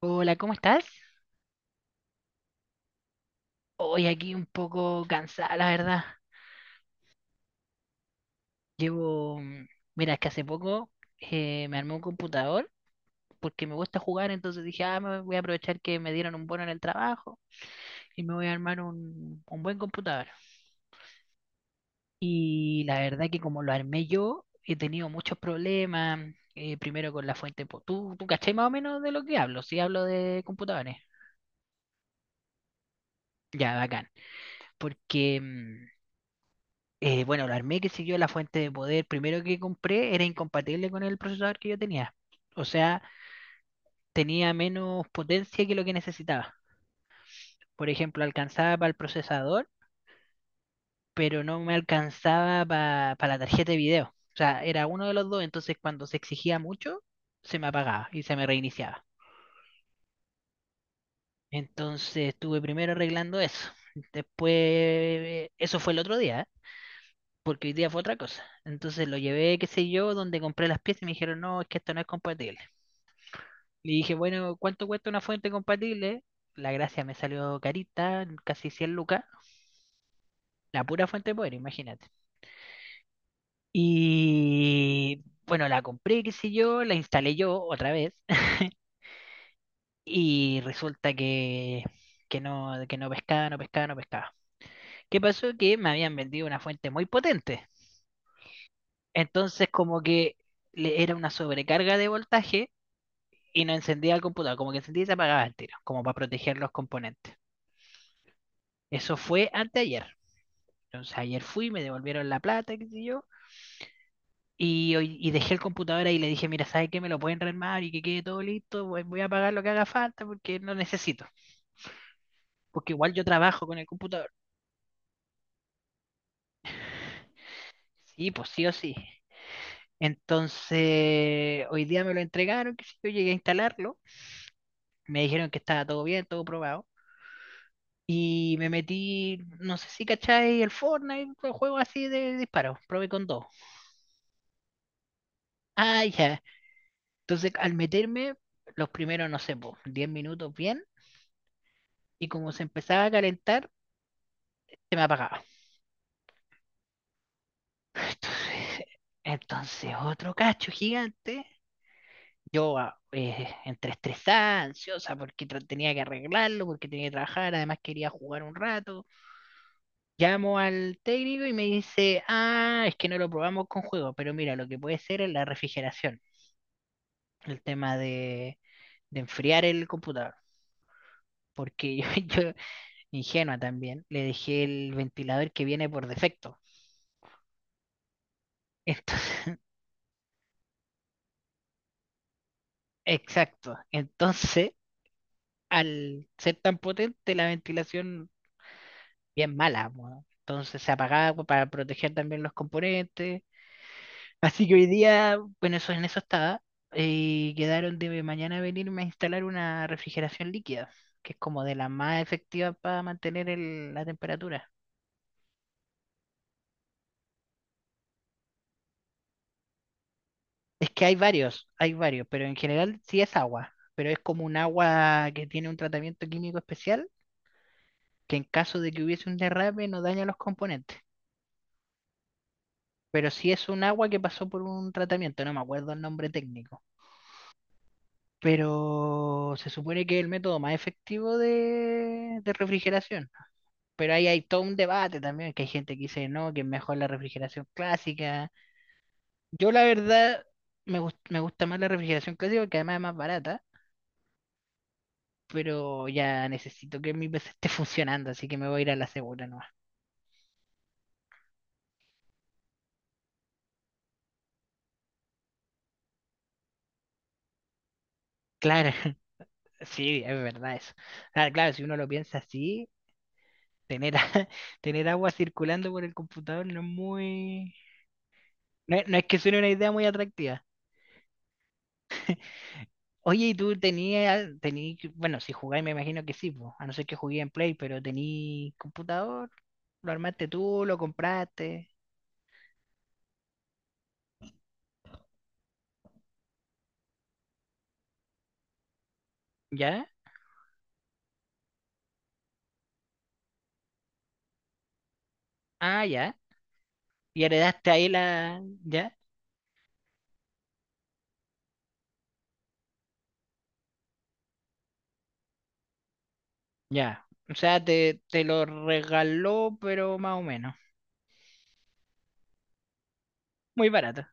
Hola, ¿cómo estás? Hoy aquí un poco cansada, la verdad. Llevo, mira, es que hace poco me armé un computador porque me gusta jugar, entonces dije, ah, me voy a aprovechar que me dieron un bono en el trabajo y me voy a armar un buen computador. Y la verdad que como lo armé yo, he tenido muchos problemas, primero con la fuente, ¿tú cachai más o menos de lo que hablo? Sí, hablo de computadores. Ya, bacán. Porque, bueno, lo armé que siguió la fuente de poder primero que compré era incompatible con el procesador que yo tenía. O sea, tenía menos potencia que lo que necesitaba. Por ejemplo, alcanzaba para el procesador, pero no me alcanzaba para la tarjeta de video. O sea, era uno de los dos, entonces cuando se exigía mucho, se me apagaba y se me reiniciaba. Entonces estuve primero arreglando eso. Después, eso fue el otro día, ¿eh? Porque hoy día fue otra cosa. Entonces lo llevé, qué sé yo, donde compré las piezas y me dijeron, no, es que esto no es compatible. Le dije, bueno, ¿cuánto cuesta una fuente compatible? La gracia me salió carita, casi 100 lucas. La pura fuente de poder, imagínate. Y bueno, la compré, qué sé yo, la instalé yo otra vez. Y resulta que, que no pescaba, no pescaba, no pescaba. ¿Qué pasó? Que me habían vendido una fuente muy potente. Entonces, como que le era una sobrecarga de voltaje y no encendía el computador. Como que encendía y se apagaba el tiro, como para proteger los componentes. Eso fue anteayer. Entonces ayer fui, me devolvieron la plata, qué sé yo, y, y dejé el computador ahí y le dije, mira, ¿sabes qué? Me lo pueden rearmar y que quede todo listo, voy a pagar lo que haga falta porque no necesito, porque igual yo trabajo con el computador. Sí, pues sí o sí. Entonces, hoy día me lo entregaron, que yo llegué a instalarlo, me dijeron que estaba todo bien, todo probado, y me metí, no sé si cacháis el Fortnite, un juego así de disparos, probé con dos. Ah, ya. Entonces, al meterme, los primeros, no sé, pues, 10 minutos bien y como se empezaba a calentar, se me apagaba. Entonces, entonces otro cacho gigante. Yo entre estresada, ansiosa, porque tenía que arreglarlo, porque tenía que trabajar, además quería jugar un rato. Llamo al técnico y me dice, ah, es que no lo probamos con juego, pero mira, lo que puede ser es la refrigeración, el tema de enfriar el computador. Porque yo, ingenua también, le dejé el ventilador que viene por defecto. Entonces, exacto. Entonces, al ser tan potente, la ventilación bien mala, weón. Entonces se apagaba pues, para proteger también los componentes. Así que hoy día, bueno, eso en eso estaba. Y quedaron de mañana venirme a instalar una refrigeración líquida, que es como de la más efectiva para mantener el- la temperatura. Es que hay varios, pero en general sí es agua, pero es como un agua que tiene un tratamiento químico especial que en caso de que hubiese un derrame no daña los componentes. Pero sí es un agua que pasó por un tratamiento, no me acuerdo el nombre técnico. Pero se supone que es el método más efectivo de refrigeración. Pero ahí hay todo un debate también, que hay gente que dice no, que es mejor la refrigeración clásica. Yo la verdad me gusta más la refrigeración clásica porque además es más barata, pero ya necesito que mi PC esté funcionando, así que me voy a ir a la segura nomás. Claro, sí, es verdad eso. Ah, claro, si uno lo piensa así, tener, tener agua circulando por el computador no es muy... No es, no es que suene una idea muy atractiva. Oye, ¿y tú tenías, tení, bueno, si jugáis me imagino que sí, po, a no ser que jugué en Play, pero tení computador, lo armaste tú, lo compraste, ¿ya? Ah, ya. Y heredaste ahí la... ¿Ya? Ya. O sea, te lo regaló, pero más o menos. Muy barato.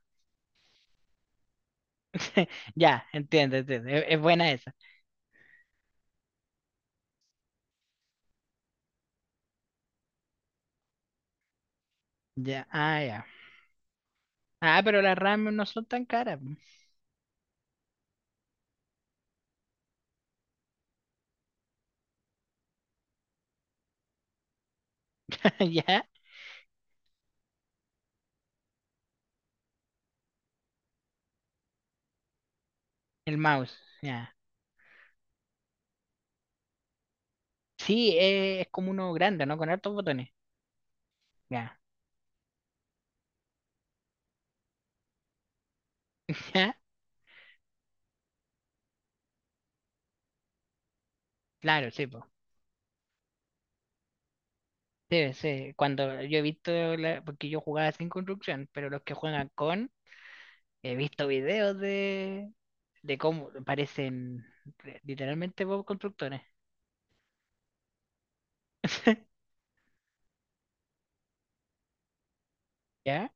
Ya, entiendo, entiendo. Es buena esa. Ya, ah, ya. Ah, pero las RAM no son tan caras. Ya. El mouse, ya. Sí, es como uno grande, ¿no? Con hartos botones. Ya. Claro, sí, po. Sí, sí. Cuando yo he visto, la- porque yo jugaba sin construcción, pero los que juegan con, he visto videos de cómo parecen literalmente Bob constructores. ¿Ya?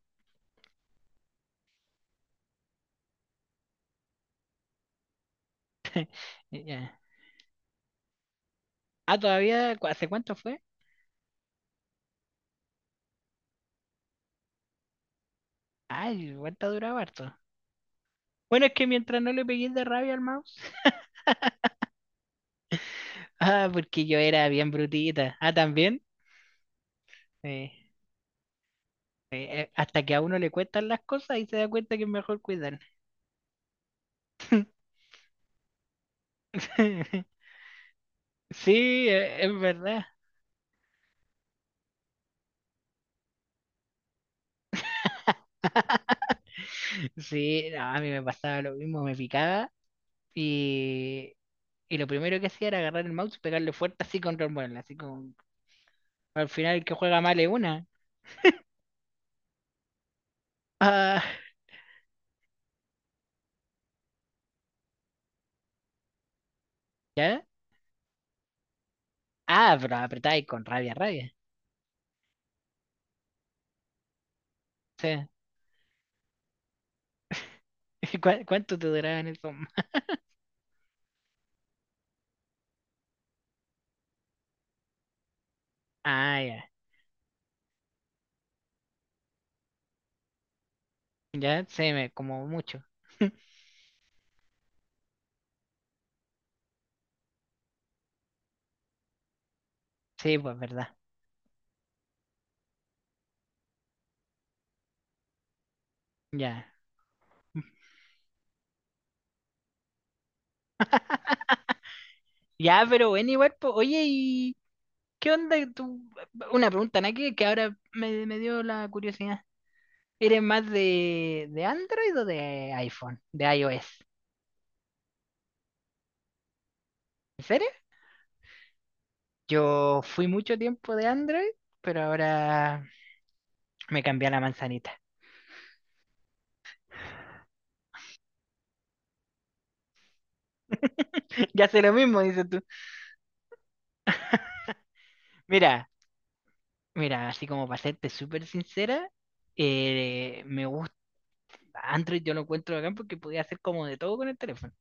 Ya. Ah, todavía, ¿hace cuánto fue? Ay, cuánto duraba harto. Bueno, es que mientras no le pegué de rabia al mouse. Ah, porque yo era bien brutita. Ah, también. Sí. Hasta que a uno le cuentan las cosas y se da cuenta que es mejor cuidar. Sí, es verdad. Sí, no, a mí me pasaba lo mismo, me picaba y, y lo primero que hacía era agarrar el mouse y pegarle fuerte así contra el mueble, así como al final el que juega mal es una. Ah, ¿ya? Ah, pero apretáis con rabia, rabia. Sí. ¿Cuánto te duraban eso? Ah, ya. Ya, sí, me, como mucho. Sí, pues verdad. Ya. Ya, pero bueno, igual, po. Oye, ¿y qué onda tú? Una pregunta, ¿no? Que ahora me dio la curiosidad. ¿Eres más de Android o de iPhone? De iOS. ¿En serio? Yo fui mucho tiempo de Android, pero ahora me cambié a la manzanita. Ya sé lo mismo, dices tú. Mira, mira, así como para serte súper sincera, me gusta. Android yo lo encuentro acá porque podía hacer como de todo con el teléfono.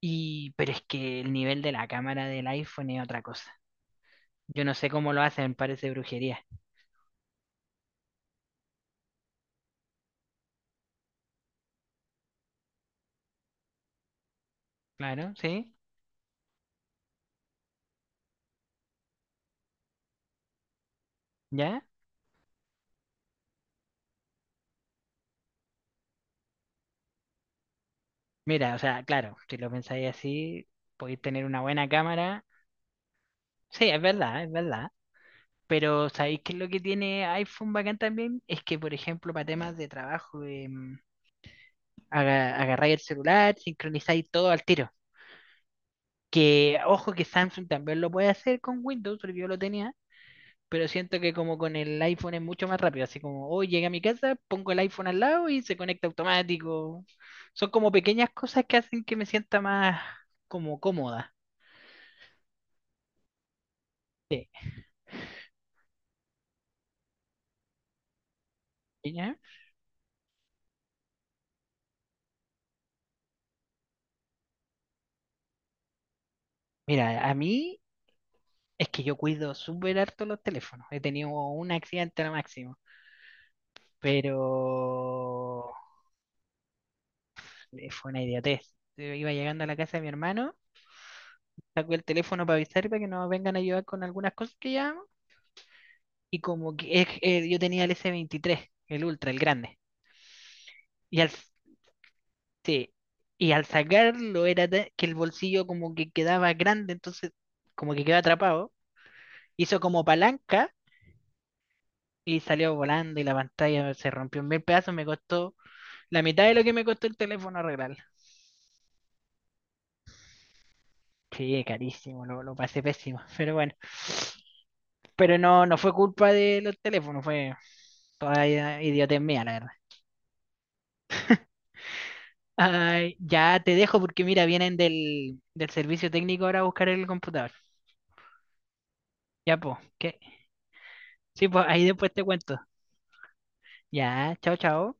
Y, pero es que el nivel de la cámara del iPhone es otra cosa. Yo no sé cómo lo hacen, parece brujería. Claro, sí, ya. Mira, o sea, claro, si lo pensáis así, podéis tener una buena cámara. Sí, es verdad, es verdad. Pero ¿sabéis qué es lo que tiene iPhone bacán también? Es que, por ejemplo, para temas de trabajo, agarráis el celular, sincronizáis todo al tiro. Que, ojo, que Samsung también lo puede hacer con Windows, porque yo lo tenía pero siento que como con el iPhone es mucho más rápido, así como hoy llegué a mi casa, pongo el iPhone al lado y se conecta automático. Son como pequeñas cosas que hacen que me sienta más como cómoda. ¿Ya? Mira, a mí es que yo cuido súper harto los teléfonos. He tenido un accidente al máximo, pero fue una idiotez. Yo iba llegando a la casa de mi hermano, sacó el teléfono para avisar para que nos vengan a ayudar con algunas cosas que llevamos. Y como que yo tenía el S23, el Ultra, el grande. Y al sí, y al sacarlo era de- que el bolsillo como que quedaba grande, entonces como que quedaba atrapado. Hizo como palanca y salió volando y la pantalla se rompió en mil pedazos, me costó la mitad de lo que me costó el teléfono arreglarlo. Sí, carísimo, lo pasé pésimo, pero bueno. Pero no, no fue culpa de los teléfonos, fue toda idiotez mía, la verdad. Ay, ya te dejo porque mira, vienen del servicio técnico ahora a buscar el computador. Ya, pues, que sí, pues ahí después te cuento. Dạ, chào cháu.